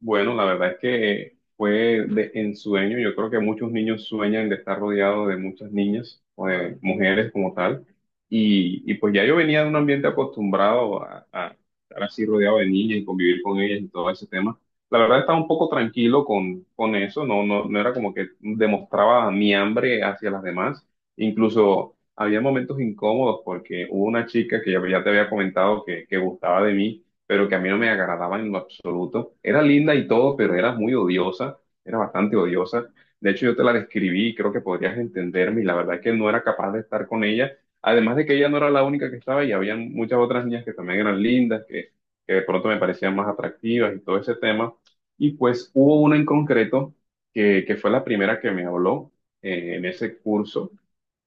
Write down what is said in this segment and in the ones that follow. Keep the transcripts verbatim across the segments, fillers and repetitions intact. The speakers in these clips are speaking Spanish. Bueno, la verdad es que fue de ensueño. Yo creo que muchos niños sueñan de estar rodeados de muchas niñas o de mujeres como tal. Y, y pues ya yo venía de un ambiente acostumbrado a, a estar así rodeado de niñas y convivir con ellas y todo ese tema. La verdad estaba un poco tranquilo con, con eso. No, no, no era como que demostraba mi hambre hacia las demás. Incluso había momentos incómodos porque hubo una chica que ya, ya te había comentado que, que gustaba de mí, pero que a mí no me agradaba en lo absoluto. Era linda y todo, pero era muy odiosa, era bastante odiosa. De hecho, yo te la describí y creo que podrías entenderme, y la verdad es que no era capaz de estar con ella. Además de que ella no era la única que estaba y había muchas otras niñas que también eran lindas, que, que de pronto me parecían más atractivas y todo ese tema. Y pues hubo una en concreto que, que fue la primera que me habló eh, en ese curso,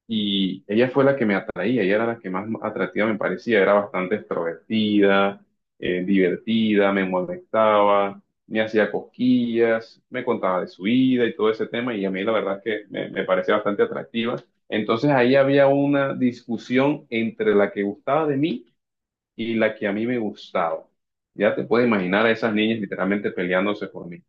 y ella fue la que me atraía, ella era la que más atractiva me parecía, era bastante extrovertida, eh, divertida, me molestaba, me hacía cosquillas, me contaba de su vida y todo ese tema, y a mí la verdad es que me, me parecía bastante atractiva. Entonces ahí había una discusión entre la que gustaba de mí y la que a mí me gustaba. Ya te puedes imaginar a esas niñas literalmente peleándose por mí.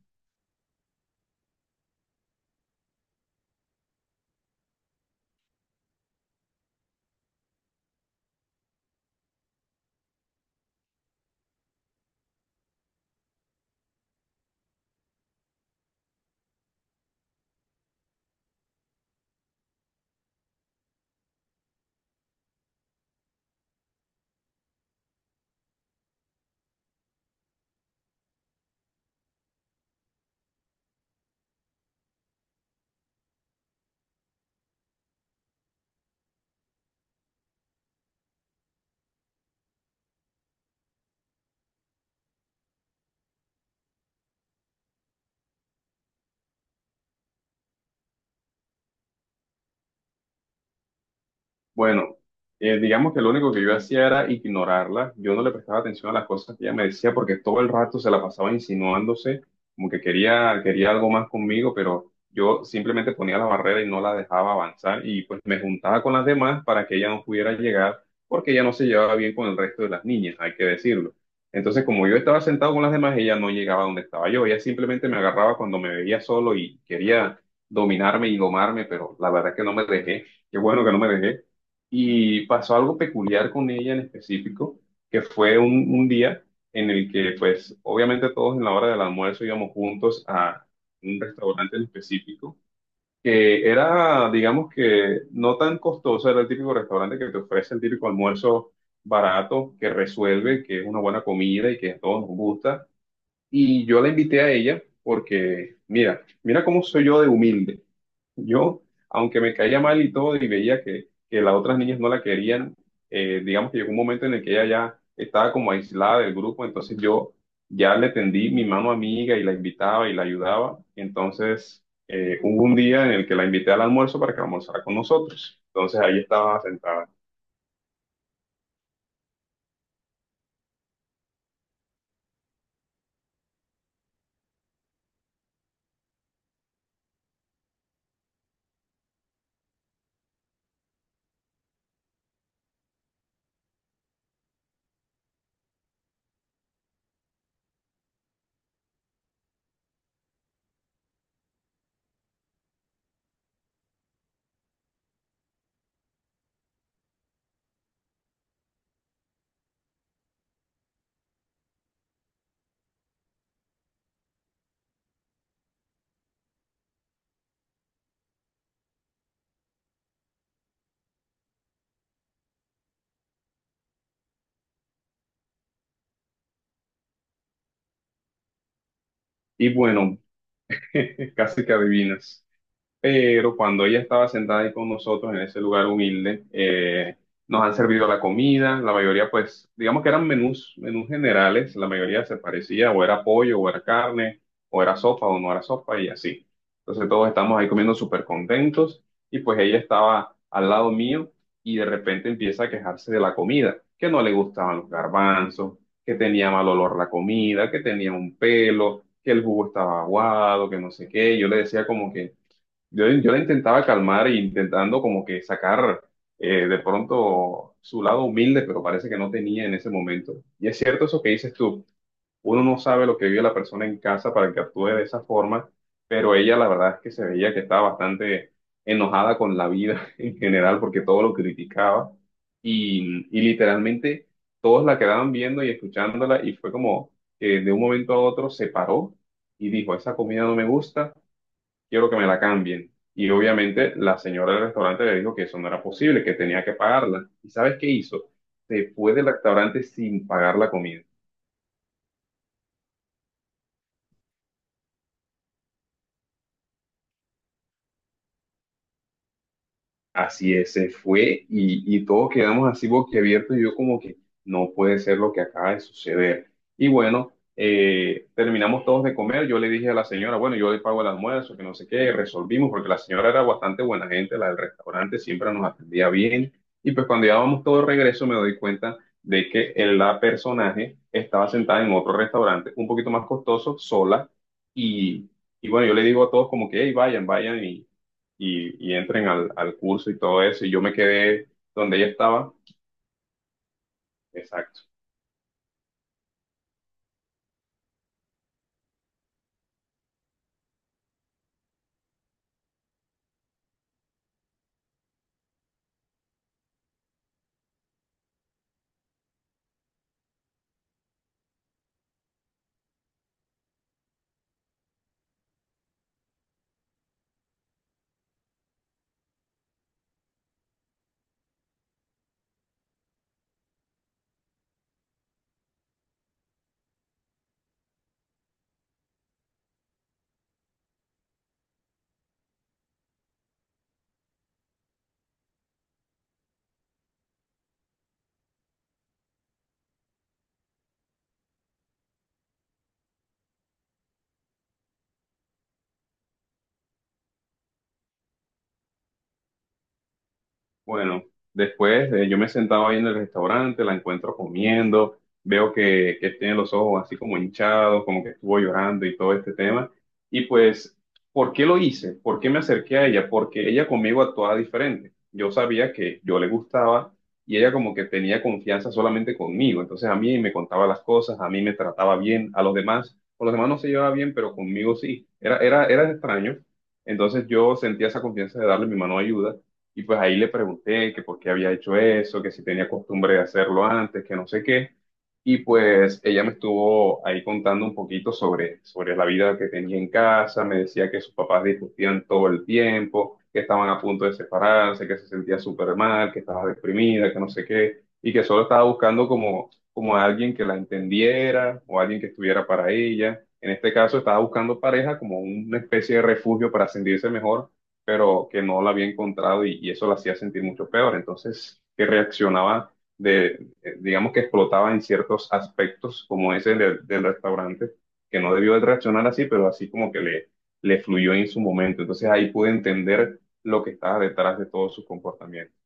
Bueno, eh, digamos que lo único que yo hacía era ignorarla. Yo no le prestaba atención a las cosas que ella me decía porque todo el rato se la pasaba insinuándose, como que quería, quería algo más conmigo, pero yo simplemente ponía la barrera y no la dejaba avanzar, y pues me juntaba con las demás para que ella no pudiera llegar porque ella no se llevaba bien con el resto de las niñas, hay que decirlo. Entonces, como yo estaba sentado con las demás, ella no llegaba donde estaba yo. Ella simplemente me agarraba cuando me veía solo y quería dominarme y domarme, pero la verdad es que no me dejé. Qué bueno que no me dejé. Y pasó algo peculiar con ella en específico, que fue un, un día en el que, pues, obviamente todos en la hora del almuerzo íbamos juntos a un restaurante en específico, que era, digamos que, no tan costoso, era el típico restaurante que te ofrece el típico almuerzo barato, que resuelve, que es una buena comida y que a todos nos gusta. Y yo la invité a ella porque, mira, mira cómo soy yo de humilde. Yo, aunque me caía mal y todo, y veía que, que las otras niñas no la querían, eh, digamos que llegó un momento en el que ella ya estaba como aislada del grupo, entonces yo ya le tendí mi mano amiga y la invitaba y la ayudaba. Entonces, eh, hubo un día en el que la invité al almuerzo para que almorzara con nosotros. Entonces ahí estaba sentada. Y bueno, casi que adivinas. Pero cuando ella estaba sentada ahí con nosotros en ese lugar humilde, eh, nos han servido la comida, la mayoría pues, digamos que eran menús, menús generales, la mayoría se parecía, o era pollo, o era carne, o era sopa, o no era sopa, y así. Entonces todos estamos ahí comiendo súper contentos, y pues ella estaba al lado mío, y de repente empieza a quejarse de la comida, que no le gustaban los garbanzos, que tenía mal olor la comida, que tenía un pelo, que el jugo estaba aguado, que no sé qué, yo le decía como que... Yo, yo la intentaba calmar e intentando como que sacar eh, de pronto su lado humilde, pero parece que no tenía en ese momento. Y es cierto eso que dices tú, uno no sabe lo que vive la persona en casa para que actúe de esa forma, pero ella la verdad es que se veía que estaba bastante enojada con la vida en general porque todo lo criticaba y, y literalmente todos la quedaban viendo y escuchándola, y fue como que de un momento a otro se paró y dijo, esa comida no me gusta, quiero que me la cambien. Y obviamente la señora del restaurante le dijo que eso no era posible, que tenía que pagarla. ¿Y sabes qué hizo? Se fue del restaurante sin pagar la comida. Así es, se fue y, y todos quedamos así boquiabiertos y yo como que no puede ser lo que acaba de suceder. Y bueno, eh, terminamos todos de comer, yo le dije a la señora, bueno, yo le pago el almuerzo, que no sé qué, resolvimos porque la señora era bastante buena gente, la del restaurante siempre nos atendía bien. Y pues cuando ya vamos todos de regreso me doy cuenta de que el- la personaje estaba sentada en otro restaurante un poquito más costoso, sola, y, y bueno, yo le digo a todos como que, hey, vayan, vayan y, y entren al, al curso y todo eso. Y yo me quedé donde ella estaba, exacto. Bueno, después eh, yo me sentaba ahí en el restaurante, la encuentro comiendo, veo que, que tiene los ojos así como hinchados, como que estuvo llorando y todo este tema. Y pues, ¿por qué lo hice? ¿Por qué me acerqué a ella? Porque ella conmigo actuaba diferente. Yo sabía que yo le gustaba y ella como que tenía confianza solamente conmigo. Entonces a mí me contaba las cosas, a mí me trataba bien, a los demás, con los demás no se llevaba bien, pero conmigo sí. Era, era, era extraño. Entonces yo sentía esa confianza de darle mi mano de ayuda. Y pues ahí le pregunté que por qué había hecho eso, que si tenía costumbre de hacerlo antes, que no sé qué. Y pues ella me estuvo ahí contando un poquito sobre, sobre la vida que tenía en casa, me decía que sus papás discutían todo el tiempo, que estaban a punto de separarse, que se sentía súper mal, que estaba deprimida, que no sé qué, y que solo estaba buscando como, como a alguien que la entendiera o alguien que estuviera para ella. En este caso estaba buscando pareja como una especie de refugio para sentirse mejor, pero que no la había encontrado y, y eso la hacía sentir mucho peor. Entonces, que reaccionaba de, eh, digamos que explotaba en ciertos aspectos, como ese del, del restaurante, que no debió de reaccionar así, pero así como que le, le fluyó en su momento. Entonces, ahí pude entender lo que estaba detrás de todos sus comportamientos.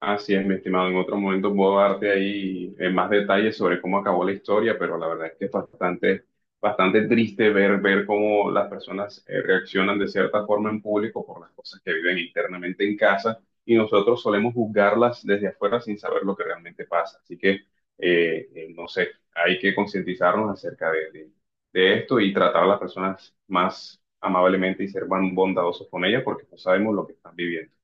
Así es, mi estimado. En otro momento puedo darte ahí eh, más detalles sobre cómo acabó la historia, pero la verdad es que es bastante, bastante triste ver, ver cómo las personas eh, reaccionan de cierta forma en público por las cosas que viven internamente en casa y nosotros solemos juzgarlas desde afuera sin saber lo que realmente pasa. Así que, eh, eh, no sé, hay que concientizarnos acerca de, de- de esto y tratar a las personas más amablemente y ser más bondadosos con ellas porque no sabemos lo que están viviendo.